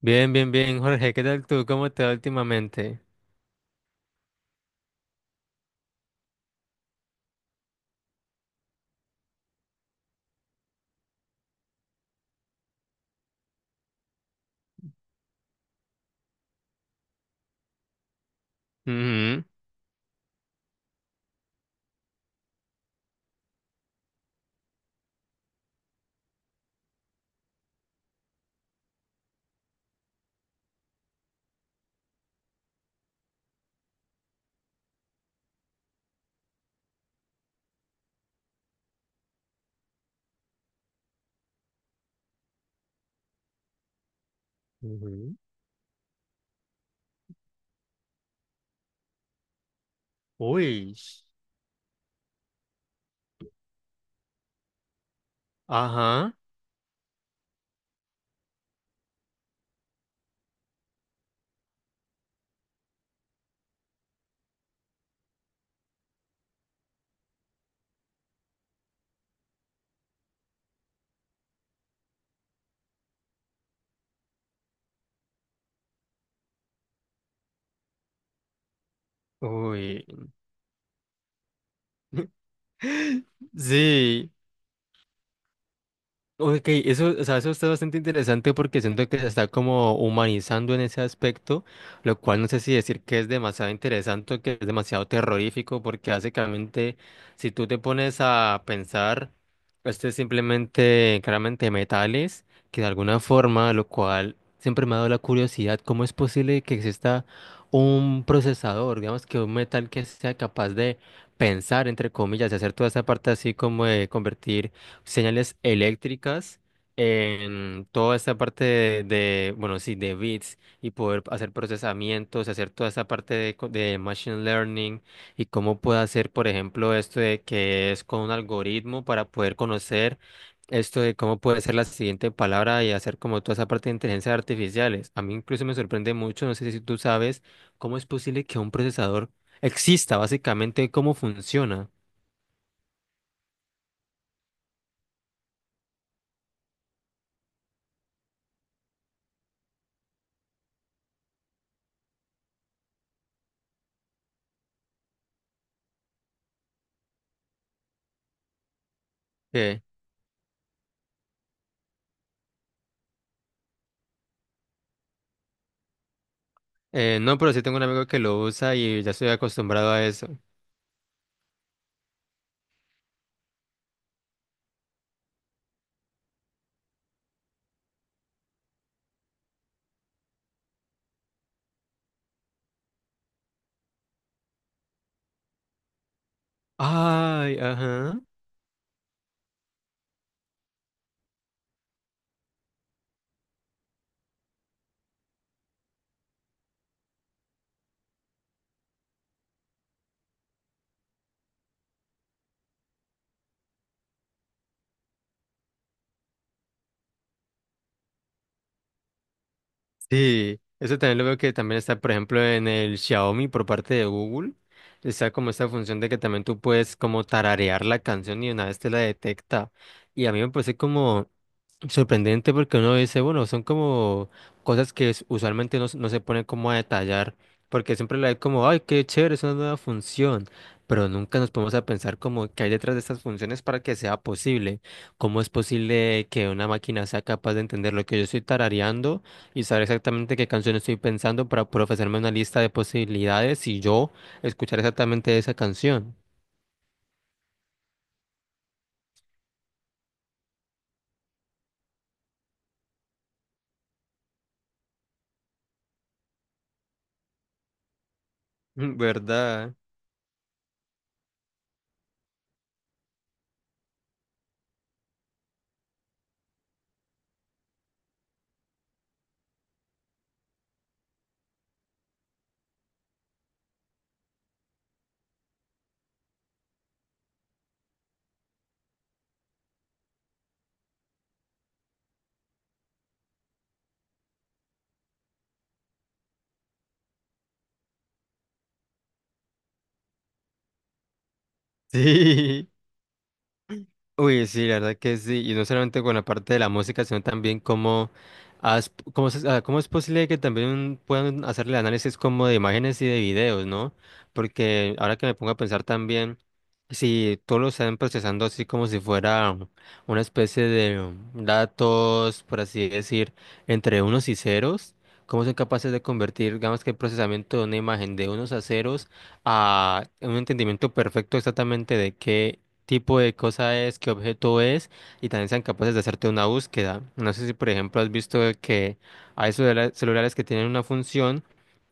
Bien, bien, bien, Jorge, ¿qué tal tú? ¿Cómo te va últimamente? Ujú. Ujú. Uy. Ajá. Uy. Sí. Ok, eso, o sea, eso está bastante interesante porque siento que se está como humanizando en ese aspecto, lo cual no sé si decir que es demasiado interesante o que es demasiado terrorífico, porque básicamente si tú te pones a pensar, esto es simplemente claramente metales, que de alguna forma, lo cual siempre me ha dado la curiosidad, ¿cómo es posible que exista un procesador, digamos que un metal que sea capaz de pensar, entre comillas, de hacer toda esa parte así como de convertir señales eléctricas en toda esta parte bueno, sí, de bits y poder hacer procesamientos, hacer toda esta parte de, de machine learning y cómo puede hacer, por ejemplo, esto de que es con un algoritmo para poder conocer esto de cómo puede ser la siguiente palabra y hacer como toda esa parte de inteligencias artificiales. A mí incluso me sorprende mucho, no sé si tú sabes cómo es posible que un procesador exista, básicamente cómo funciona. No, pero sí tengo un amigo que lo usa y ya estoy acostumbrado a eso. Ay, ajá. Sí, eso también lo veo que también está, por ejemplo, en el Xiaomi por parte de Google. Está como esta función de que también tú puedes como tararear la canción y una vez te la detecta. Y a mí me parece como sorprendente, porque uno dice, bueno, son como cosas que usualmente se no se ponen como a detallar, porque siempre la hay como, ay, qué chévere, es una nueva función, pero nunca nos ponemos a pensar como qué hay detrás de estas funciones para que sea posible, cómo es posible que una máquina sea capaz de entender lo que yo estoy tarareando y saber exactamente qué canción estoy pensando para poder ofrecerme una lista de posibilidades y yo escuchar exactamente esa canción. ¿Verdad? Sí. Uy, sí, la verdad que sí, y no solamente con la parte de la música, sino también cómo, has- cómo, se- ah, cómo es posible que también puedan hacerle análisis como de imágenes y de videos, ¿no? Porque ahora que me pongo a pensar también, si todo lo están procesando así como si fuera una especie de datos, por así decir, entre unos y ceros, ¿cómo son capaces de convertir, digamos que el procesamiento de una imagen de unos a ceros a un entendimiento perfecto exactamente de qué tipo de cosa es, qué objeto es, y también sean capaces de hacerte una búsqueda? No sé si, por ejemplo, has visto que hay celulares que tienen una función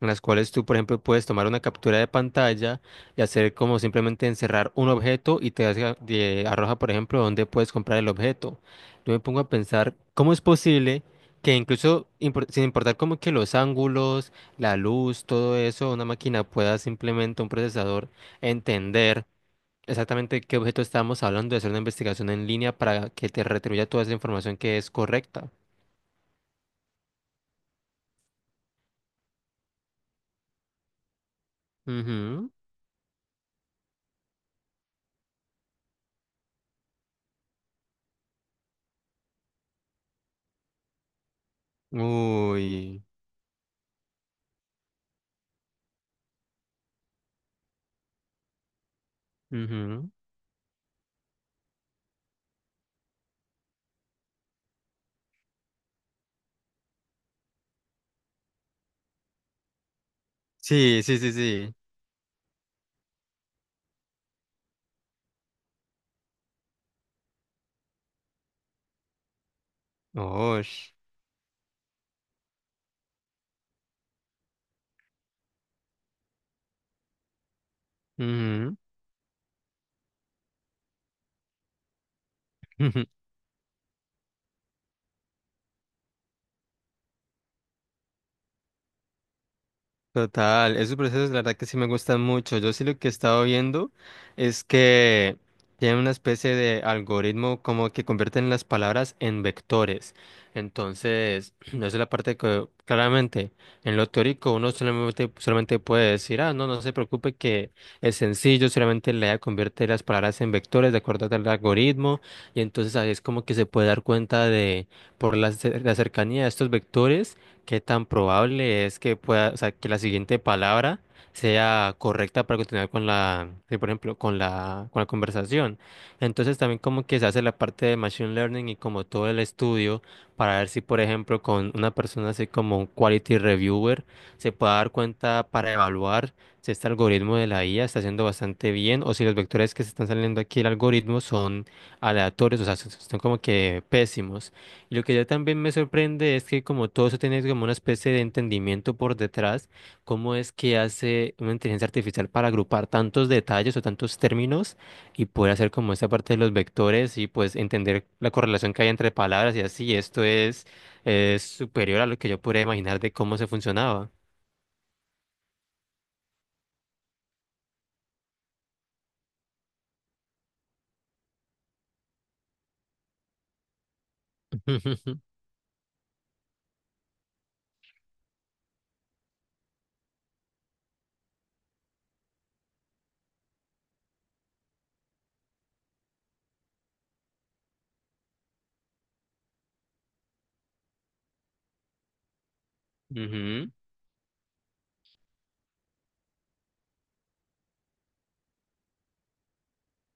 en las cuales tú, por ejemplo, puedes tomar una captura de pantalla y hacer como simplemente encerrar un objeto y te arroja, por ejemplo, dónde puedes comprar el objeto. Yo me pongo a pensar, ¿cómo es posible que incluso sin importar como que los ángulos, la luz, todo eso, una máquina pueda simplemente, un procesador, entender exactamente qué objeto estábamos hablando, de hacer una investigación en línea para que te retribuya toda esa información que es correcta? Ujú. Uy. Ujú. Sí, sí, sí, sí. Oh. Total, esos procesos la verdad que sí me gustan mucho. Yo sí lo que he estado viendo es que tienen una especie de algoritmo como que convierten las palabras en vectores. Entonces, esa es la parte que claramente en lo teórico uno solamente puede decir, ah, no, se preocupe que es sencillo, solamente le convierte las palabras en vectores de acuerdo al algoritmo. Y entonces ahí es como que se puede dar cuenta de, la cercanía de estos vectores. ¿Qué tan probable es que pueda, o sea, que la siguiente palabra sea correcta para continuar con sí, por ejemplo, con con la conversación? Entonces también como que se hace la parte de machine learning y como todo el estudio para ver si, por ejemplo, con una persona así como un quality reviewer se puede dar cuenta para evaluar si este algoritmo de la IA está haciendo bastante bien o si los vectores que se están saliendo aquí del algoritmo son aleatorios, o sea, son como que pésimos. Lo que ya también me sorprende es que como todo eso tiene como una especie de entendimiento por detrás, cómo es que hace una inteligencia artificial para agrupar tantos detalles o tantos términos y poder hacer como esa parte de los vectores y pues entender la correlación que hay entre palabras y así. Es superior a lo que yo podría imaginar de cómo se funcionaba. Ujú.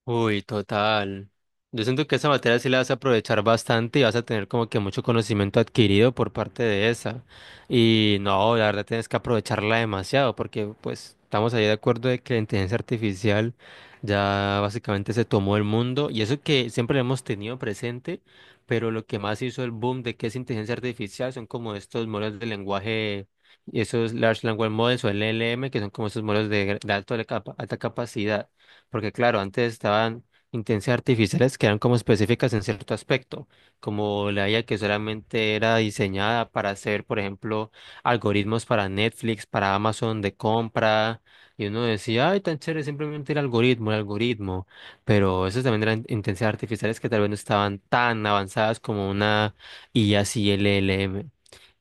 Uy, total. Yo siento que esa materia sí la vas a aprovechar bastante y vas a tener como que mucho conocimiento adquirido por parte de esa. Y no, la verdad tienes que aprovecharla demasiado, porque pues estamos ahí de acuerdo de que la inteligencia artificial ya básicamente se tomó el mundo, y eso que siempre lo hemos tenido presente, pero lo que más hizo el boom de qué es inteligencia artificial son como estos modelos de lenguaje, esos Large Language Models o LLM, que son como esos modelos de, alta capacidad. Porque claro, antes estaban inteligencias artificiales que eran como específicas en cierto aspecto, como la IA que solamente era diseñada para hacer, por ejemplo, algoritmos para Netflix, para Amazon de compra, y uno decía, ay, tan chévere, simplemente el algoritmo, pero esas también eran inteligencias artificiales que tal vez no estaban tan avanzadas como una IA CLLM.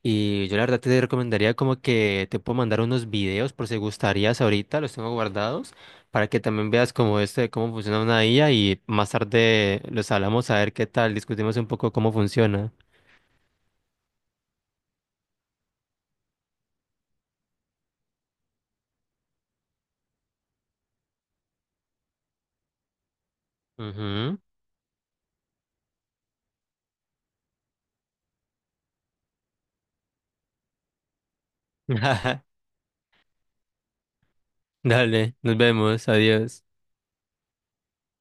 Y yo la verdad te recomendaría como que te puedo mandar unos videos por si gustarías ahorita, los tengo guardados para que también veas cómo este, cómo funciona una IA, y más tarde los hablamos a ver qué tal, discutimos un poco cómo funciona. Ujú. Dale, nos vemos, adiós.